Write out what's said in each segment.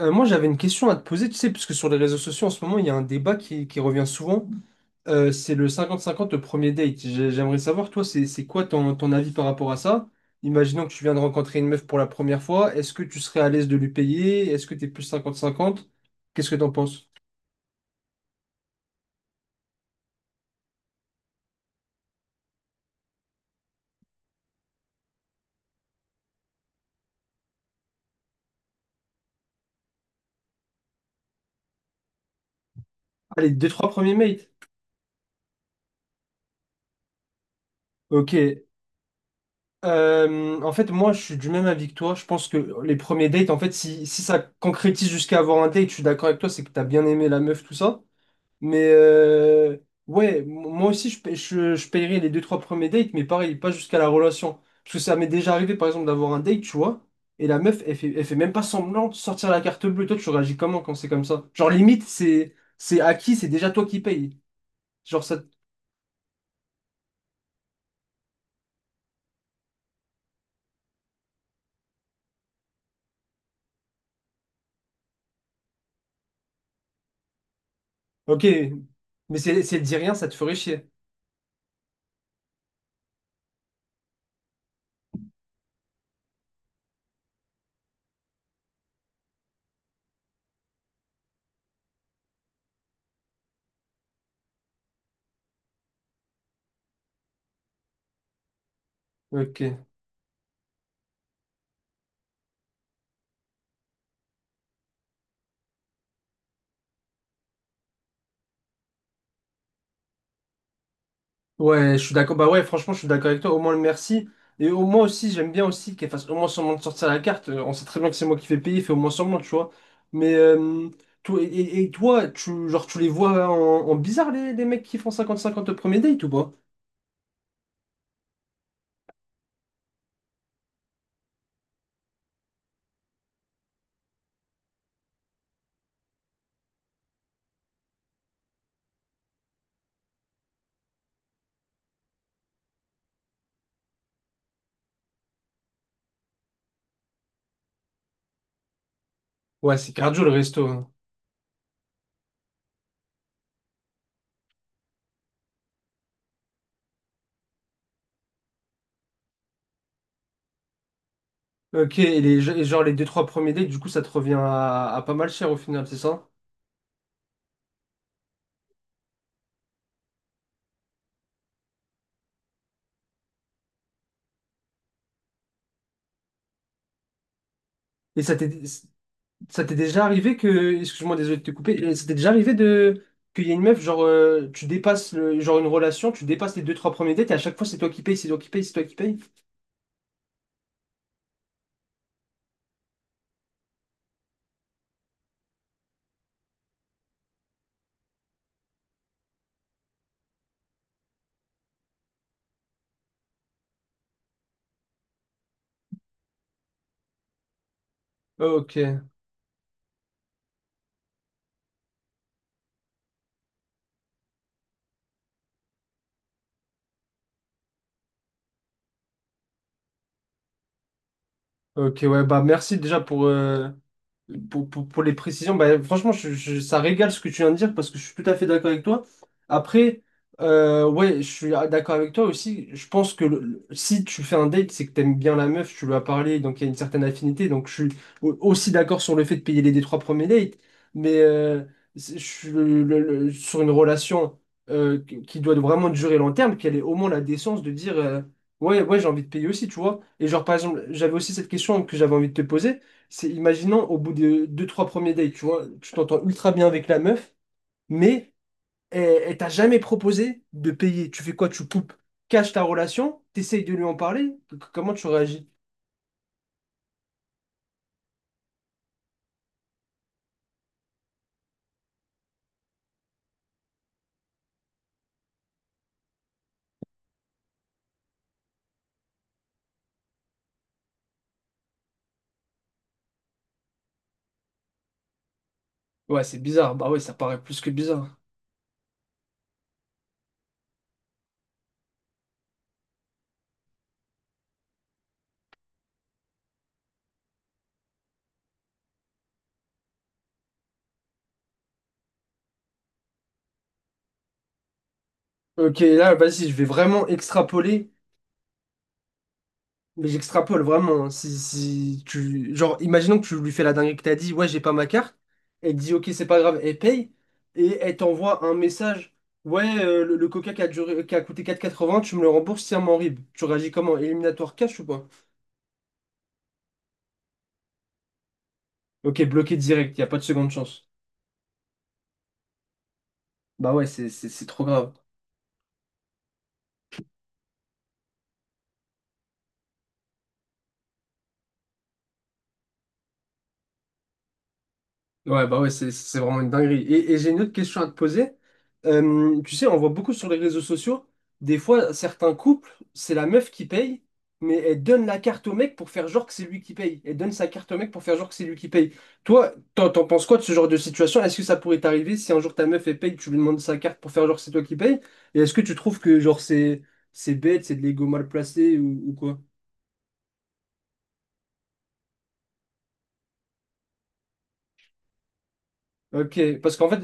Moi, j'avais une question à te poser, tu sais, parce que sur les réseaux sociaux, en ce moment, il y a un débat qui revient souvent. C'est le 50-50, le premier date. J'aimerais savoir, toi, c'est quoi ton avis par rapport à ça? Imaginons que tu viens de rencontrer une meuf pour la première fois. Est-ce que tu serais à l'aise de lui payer? Est-ce que t'es plus 50-50? Qu'est-ce que t'en penses? Allez, deux, trois premiers mates. Ok. En fait, moi, je suis du même avis que toi. Je pense que les premiers dates, en fait, si ça concrétise jusqu'à avoir un date, je suis d'accord avec toi, c'est que t'as bien aimé la meuf, tout ça. Mais ouais, moi aussi, je paierais les deux, trois premiers dates, mais pareil, pas jusqu'à la relation. Parce que ça m'est déjà arrivé, par exemple, d'avoir un date, tu vois, et la meuf, elle fait même pas semblant de sortir la carte bleue. Toi, tu réagis comment quand c'est comme ça? Genre, limite, c'est acquis, c'est déjà toi qui payes. Genre, ça. Ok, mais si elle dit rien, ça te ferait chier. Ok. Ouais, je suis d'accord. Bah ouais, franchement, je suis d'accord avec toi. Au moins le merci. Et au moins aussi, j'aime bien aussi qu'elle fasse au moins semblant de sortir la carte. On sait très bien que c'est moi qui fais payer, fait au moins semblant, tu vois. Mais toi, et toi, genre, tu les vois en bizarre, les mecs qui font 50-50 au premier date ou pas? Ouais, c'est cardio le resto, hein. Ok, et genre les deux trois premiers dates, du coup, ça te revient à pas mal cher au final, c'est ça? Et ça t'est... Ça t'est déjà arrivé que, excuse-moi, désolé de te couper, ça t'est déjà arrivé de qu'il y ait une meuf, genre, tu dépasses le, genre une relation, tu dépasses les deux, trois premiers dates et à chaque fois c'est toi qui paye, c'est toi qui paye, c'est toi qui paye? Ok, ok, ouais, bah merci déjà pour les précisions. Bah, franchement, ça régale ce que tu viens de dire parce que je suis tout à fait d'accord avec toi. Après, ouais, je suis d'accord avec toi aussi. Je pense que si tu fais un date, c'est que t'aimes bien la meuf, tu lui as parlé, donc il y a une certaine affinité. Donc je suis aussi d'accord sur le fait de payer les trois premiers dates, mais je suis sur une relation qui doit vraiment durer long terme, qu'elle ait au moins la décence de dire ouais, ouais, j'ai envie de payer aussi, tu vois. Et genre, par exemple, j'avais aussi cette question que j'avais envie de te poser. C'est, imaginons, au bout de deux, trois premiers dates, tu vois, tu t'entends ultra bien avec la meuf, mais elle, elle t'a jamais proposé de payer. Tu fais quoi? Tu coupes, caches ta relation, t'essayes de lui en parler. Comment tu réagis? Ouais, c'est bizarre. Bah ouais, ça paraît plus que bizarre. Ok, là, vas-y, je vais vraiment extrapoler. Mais j'extrapole vraiment, hein. Si tu... Genre, imaginons que tu lui fais la dinguerie que t'as dit, ouais, j'ai pas ma carte. Elle te dit, ok, c'est pas grave, elle paye. Et elle t'envoie un message, ouais, le coca qui a coûté 4,80, tu me le rembourses, c'est un rib. Tu réagis comment? Éliminatoire cash ou pas? Ok, bloqué direct, y a pas de seconde chance. Bah ouais, c'est trop grave. Ouais, bah ouais, c'est vraiment une dinguerie. Et j'ai une autre question à te poser. Tu sais, on voit beaucoup sur les réseaux sociaux, des fois, certains couples, c'est la meuf qui paye, mais elle donne la carte au mec pour faire genre que c'est lui qui paye. Elle donne sa carte au mec pour faire genre que c'est lui qui paye. Toi, t'en penses quoi de ce genre de situation? Est-ce que ça pourrait t'arriver si un jour ta meuf, elle paye, tu lui demandes sa carte pour faire genre que c'est toi qui paye? Et est-ce que tu trouves que genre c'est bête, c'est de l'ego mal placé ou quoi? Ok, parce qu'en fait,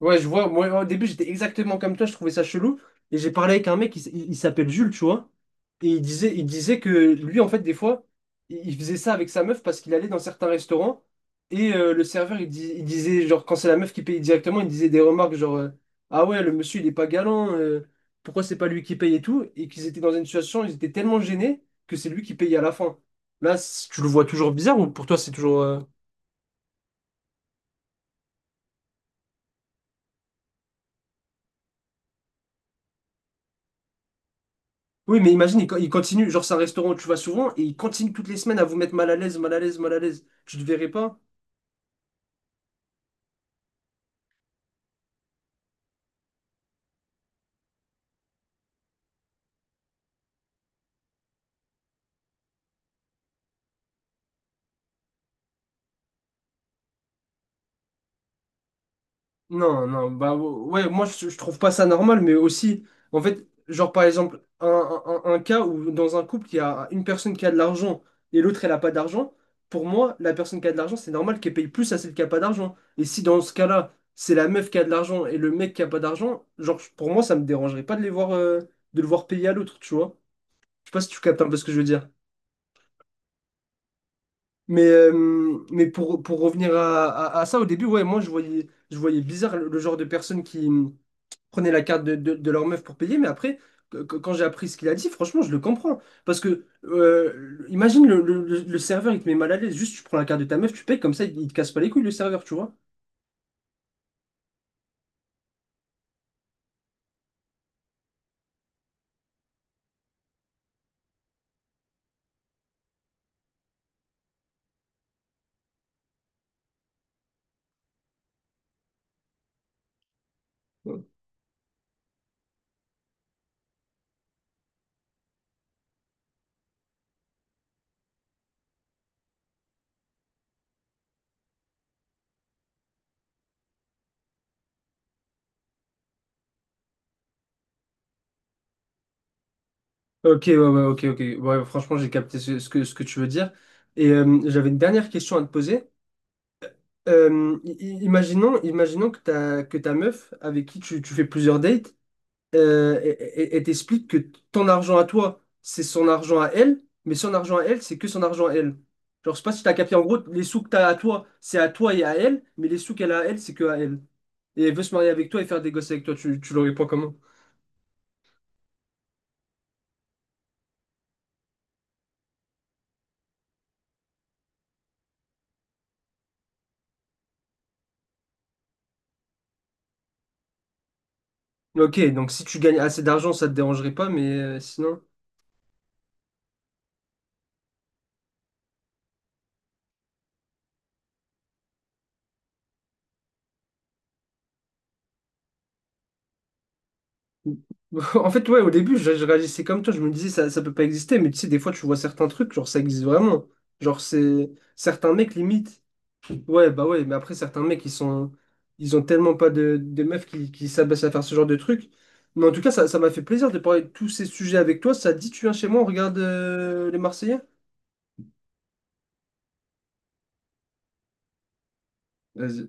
ouais, je vois, moi au début j'étais exactement comme toi, je trouvais ça chelou, et j'ai parlé avec un mec, il s'appelle Jules, tu vois, et il disait que lui, en fait, des fois, il faisait ça avec sa meuf parce qu'il allait dans certains restaurants, et le serveur, il disait, genre, quand c'est la meuf qui paye directement, il disait des remarques genre, ah ouais, le monsieur, il est pas galant, pourquoi c'est pas lui qui paye et tout, et qu'ils étaient dans une situation, ils étaient tellement gênés que c'est lui qui paye à la fin. Tu le vois toujours bizarre, ou pour toi, c'est toujours... Oui, mais imagine, il continue, genre c'est un restaurant où tu vas souvent et il continue toutes les semaines à vous mettre mal à l'aise, mal à l'aise, mal à l'aise. Tu te verrais pas? Non, non, bah ouais, ouais, moi je, trouve pas ça normal, mais aussi, en fait, genre par exemple, un cas où dans un couple, il y a une personne qui a de l'argent et l'autre elle a pas d'argent, pour moi, la personne qui a de l'argent, c'est normal qu'elle paye plus à celle qui a pas d'argent. Et si dans ce cas-là, c'est la meuf qui a de l'argent et le mec qui a pas d'argent, genre pour moi, ça me dérangerait pas de les voir, de le voir payer à l'autre, tu vois? Je sais pas si tu captes un peu ce que je veux dire. Mais pour revenir à ça, au début, ouais, moi, je voyais bizarre le genre de personnes qui prenaient la carte de leur meuf pour payer. Mais après, quand j'ai appris ce qu'il a dit, franchement, je le comprends. Parce que, imagine, le serveur, il te met mal à l'aise. Juste, tu prends la carte de ta meuf, tu payes, comme ça, il te casse pas les couilles, le serveur, tu vois. Ok, ouais, ouais, ok, ok. Ouais, franchement, j'ai capté ce que tu veux dire. Et j'avais une dernière question à te poser. Imaginons que que ta meuf, avec qui tu fais plusieurs dates, euh, et, et t'explique que ton argent à toi, c'est son argent à elle, mais son argent à elle, c'est que son argent à elle. Genre, je sais pas si t'as capté, en gros, les sous que t'as à toi, c'est à toi et à elle, mais les sous qu'elle a à elle, c'est que à elle. Et elle veut se marier avec toi et faire des gosses avec toi, tu l'aurais pas comment? Ok, donc si tu gagnes assez d'argent, ça te dérangerait pas, mais sinon. En fait, ouais, au début, je réagissais comme toi, je me disais ça, ça peut pas exister, mais tu sais, des fois, tu vois certains trucs, genre ça existe vraiment. Genre, c'est certains mecs limite. Ouais, bah ouais, mais après, certains mecs, ils ont tellement pas de meufs qui s'abaissent à faire ce genre de truc. Mais en tout cas, ça m'a fait plaisir de parler de tous ces sujets avec toi. Ça te dit, tu viens chez moi, on regarde les Marseillais? Vas-y.